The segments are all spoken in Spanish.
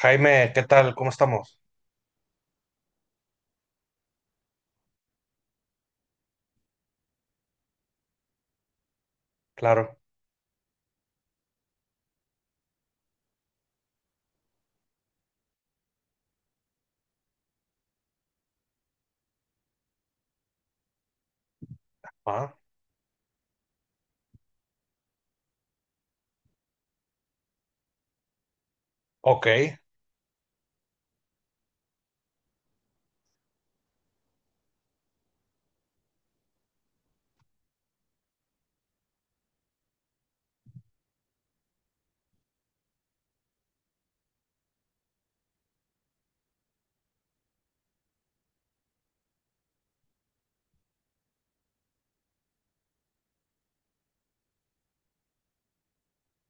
Jaime, ¿qué tal? ¿Cómo estamos? Claro. Ah, ok,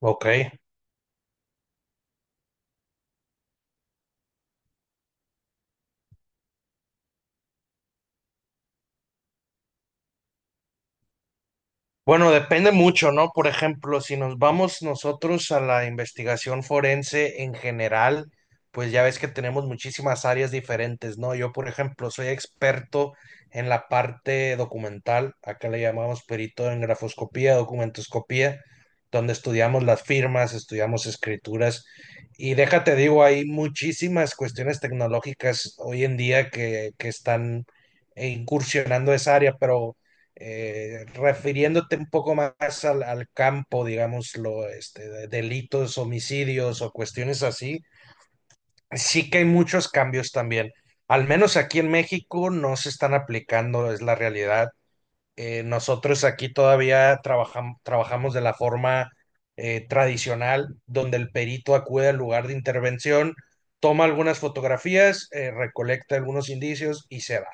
ok. Bueno, depende mucho, ¿no? Por ejemplo, si nos vamos nosotros a la investigación forense en general, pues ya ves que tenemos muchísimas áreas diferentes, ¿no? Yo, por ejemplo, soy experto en la parte documental, acá le llamamos perito en grafoscopía, documentoscopía, donde estudiamos las firmas, estudiamos escrituras y déjate digo, hay muchísimas cuestiones tecnológicas hoy en día que están incursionando esa área, pero refiriéndote un poco más al campo, digámoslo, este, de delitos, homicidios o cuestiones así, sí que hay muchos cambios también. Al menos aquí en México no se están aplicando, es la realidad. Nosotros aquí todavía trabajamos de la forma tradicional, donde el perito acude al lugar de intervención, toma algunas fotografías, recolecta algunos indicios y se va.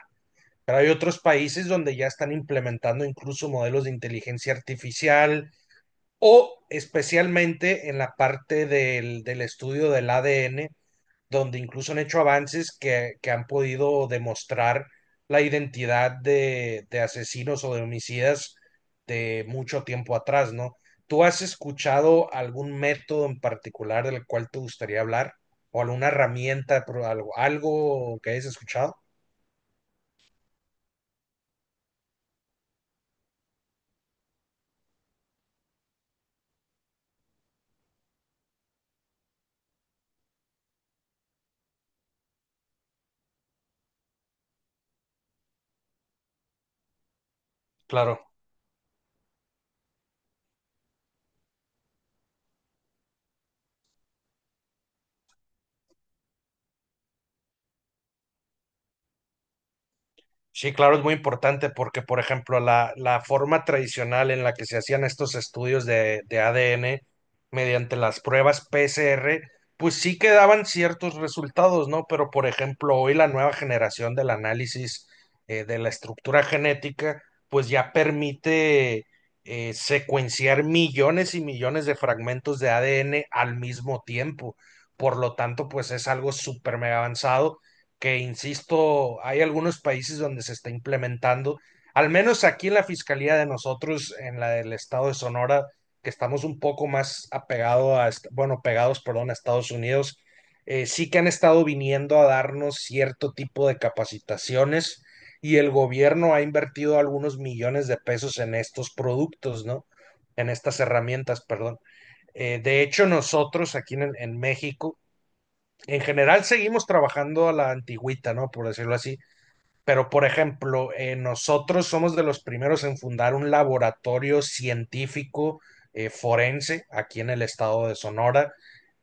Pero hay otros países donde ya están implementando incluso modelos de inteligencia artificial o especialmente en la parte del estudio del ADN, donde incluso han hecho avances que han podido demostrar la identidad de asesinos o de homicidas de mucho tiempo atrás, ¿no? ¿Tú has escuchado algún método en particular del cual te gustaría hablar? ¿O alguna herramienta, algo que hayas escuchado? Claro. Sí, claro, es muy importante porque, por ejemplo, la forma tradicional en la que se hacían estos estudios de ADN mediante las pruebas PCR, pues sí que daban ciertos resultados, ¿no? Pero, por ejemplo, hoy la nueva generación del análisis de la estructura genética, pues ya permite secuenciar millones y millones de fragmentos de ADN al mismo tiempo. Por lo tanto, pues es algo súper mega avanzado que, insisto, hay algunos países donde se está implementando, al menos aquí en la Fiscalía de nosotros, en la del Estado de Sonora, que estamos un poco más apegado a, bueno, pegados, perdón, a Estados Unidos. Sí que han estado viniendo a darnos cierto tipo de capacitaciones y el gobierno ha invertido algunos millones de pesos en estos productos, ¿no? En estas herramientas, perdón. De hecho, nosotros aquí en México, en general seguimos trabajando a la antigüita, ¿no? Por decirlo así. Pero, por ejemplo, nosotros somos de los primeros en fundar un laboratorio científico forense aquí en el estado de Sonora,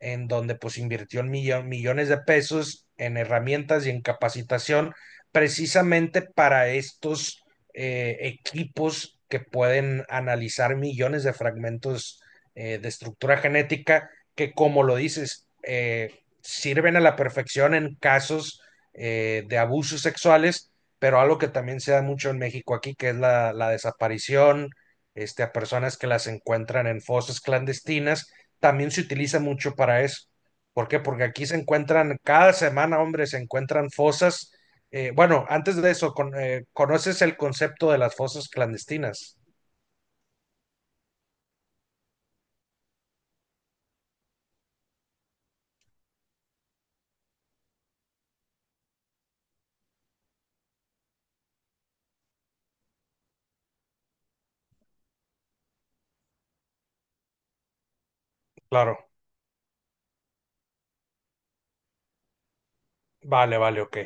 en donde pues invirtió millones de pesos en herramientas y en capacitación precisamente para estos equipos que pueden analizar millones de fragmentos de estructura genética que, como lo dices, sirven a la perfección en casos de abusos sexuales, pero algo que también se da mucho en México aquí, que es la desaparición, este, a personas que las encuentran en fosas clandestinas, también se utiliza mucho para eso. ¿Por qué? Porque aquí se encuentran, cada semana, hombre, se encuentran fosas. Bueno, antes de eso, ¿conoces el concepto de las fosas clandestinas? Claro. Vale, vale, ok.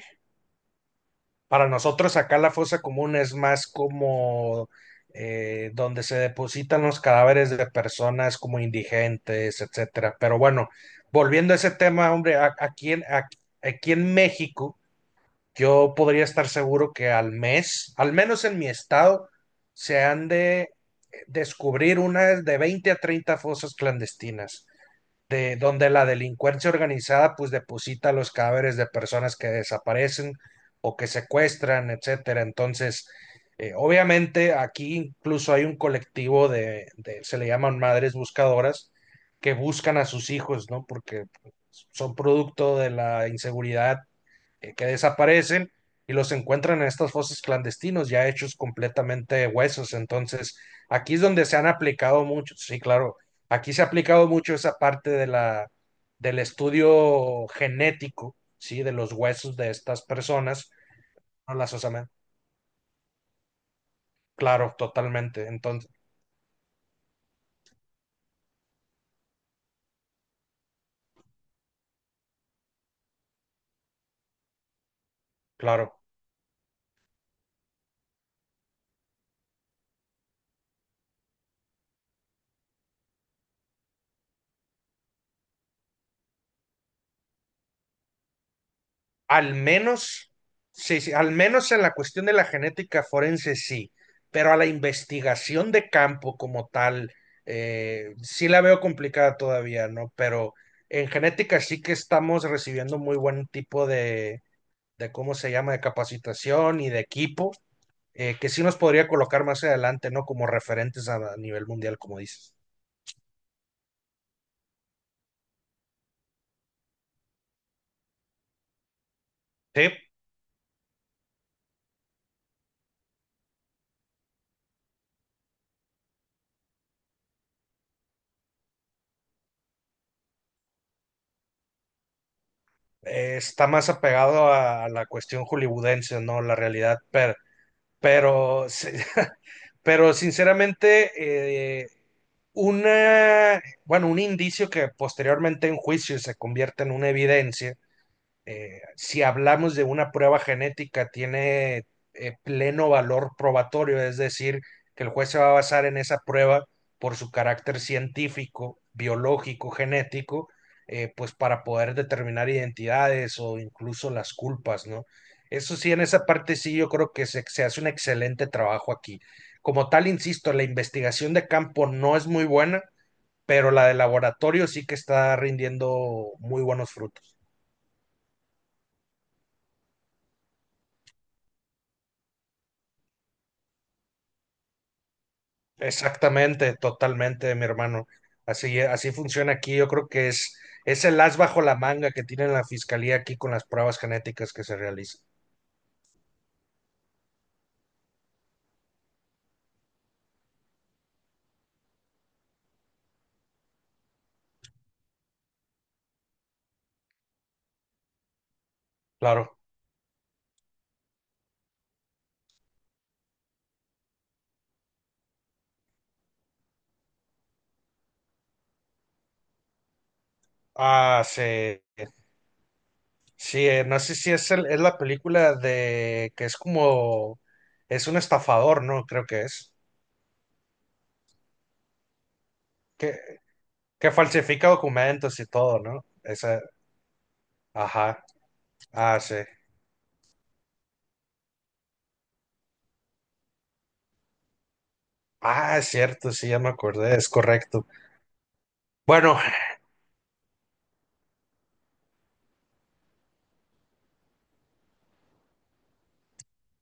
Para nosotros acá la fosa común es más como donde se depositan los cadáveres de personas como indigentes, etcétera. Pero bueno, volviendo a ese tema, hombre, aquí en México, yo podría estar seguro que al mes, al menos en mi estado, se han de descubrir unas de 20 a 30 fosas clandestinas de donde la delincuencia organizada pues deposita los cadáveres de personas que desaparecen o que secuestran, etcétera. Entonces, obviamente aquí incluso hay un colectivo se le llaman madres buscadoras, que buscan a sus hijos, ¿no? Porque son producto de la inseguridad que desaparecen y los encuentran en estas fosas clandestinos, ya hechos completamente de huesos. Entonces, aquí es donde se han aplicado mucho, sí, claro, aquí se ha aplicado mucho esa parte del estudio genético, sí, de los huesos de estas personas, no las osamentas. Claro, totalmente. Entonces, claro. Al menos, sí, sí, al menos en la cuestión de la genética forense sí, pero a la investigación de campo como tal, sí la veo complicada todavía, ¿no? Pero en genética sí que estamos recibiendo muy buen tipo de ¿cómo se llama?, de capacitación y de equipo, que sí nos podría colocar más adelante, ¿no? Como referentes a nivel mundial, como dices. Sí, está más apegado a la cuestión hollywoodense, ¿no? La realidad. Pero, sí, pero sinceramente, bueno, un indicio que posteriormente en juicio se convierte en una evidencia, si hablamos de una prueba genética, tiene pleno valor probatorio, es decir, que el juez se va a basar en esa prueba por su carácter científico, biológico, genético, pues para poder determinar identidades o incluso las culpas, ¿no? Eso sí, en esa parte sí yo creo que se hace un excelente trabajo aquí. Como tal, insisto, la investigación de campo no es muy buena, pero la de laboratorio sí que está rindiendo muy buenos frutos. Exactamente, totalmente, mi hermano. Así, así funciona aquí. Yo creo que es el as bajo la manga que tiene la fiscalía aquí con las pruebas genéticas que se realizan. Claro. Ah, sí. Sí, no sé si es la película de que es como, es un estafador, ¿no? Creo que es. Que, que falsifica documentos y todo, ¿no? Esa, ajá. Ah, sí. Ah, es cierto, sí, ya me acordé, es correcto. Bueno,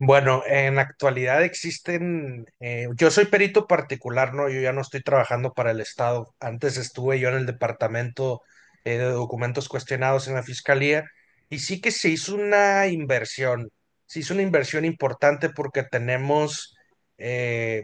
Bueno, en la actualidad existen, yo soy perito particular, ¿no? Yo ya no estoy trabajando para el Estado. Antes estuve yo en el departamento de documentos cuestionados en la Fiscalía y sí que se hizo una inversión, se hizo una inversión importante porque eh,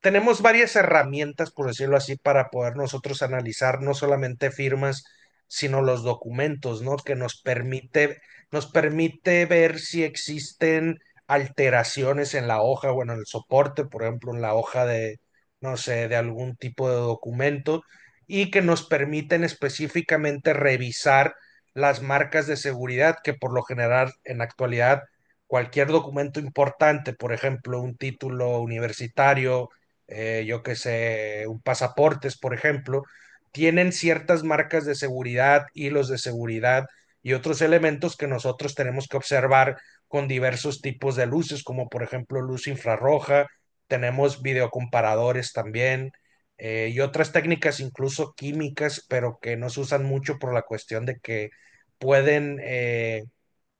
tenemos varias herramientas, por decirlo así, para poder nosotros analizar no solamente firmas, sino los documentos, ¿no? Que nos permite ver si existen alteraciones en la hoja, bueno, en el soporte, por ejemplo, en la hoja de, no sé, de algún tipo de documento, y que nos permiten específicamente revisar las marcas de seguridad que por lo general en la actualidad cualquier documento importante, por ejemplo, un título universitario, yo qué sé, un pasaportes, por ejemplo, tienen ciertas marcas de seguridad, hilos de seguridad y otros elementos que nosotros tenemos que observar con diversos tipos de luces, como por ejemplo luz infrarroja. Tenemos videocomparadores también y otras técnicas incluso químicas, pero que no se usan mucho por la cuestión de que pueden, eh,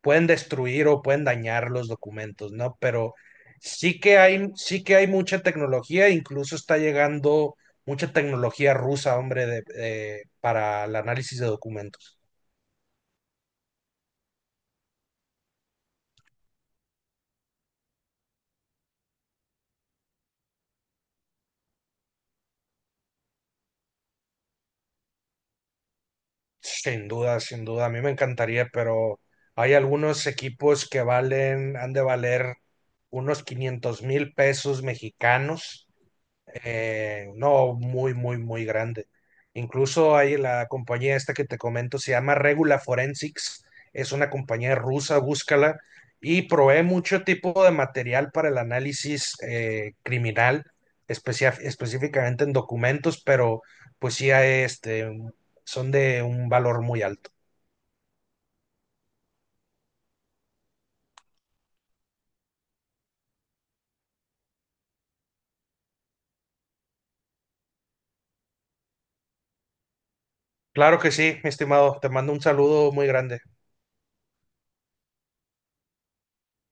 pueden destruir o pueden dañar los documentos, ¿no? Pero sí que hay mucha tecnología, incluso está llegando mucha tecnología rusa, hombre, para el análisis de documentos. Sin duda, sin duda, a mí me encantaría, pero hay algunos equipos que han de valer unos 500 mil pesos mexicanos, no muy, muy, muy grande. Incluso hay la compañía esta que te comento, se llama Regula Forensics, es una compañía rusa, búscala, y provee mucho tipo de material para el análisis criminal, específicamente en documentos, pero pues sí, hay, este, son de un valor muy alto. Claro que sí, mi estimado, te mando un saludo muy grande.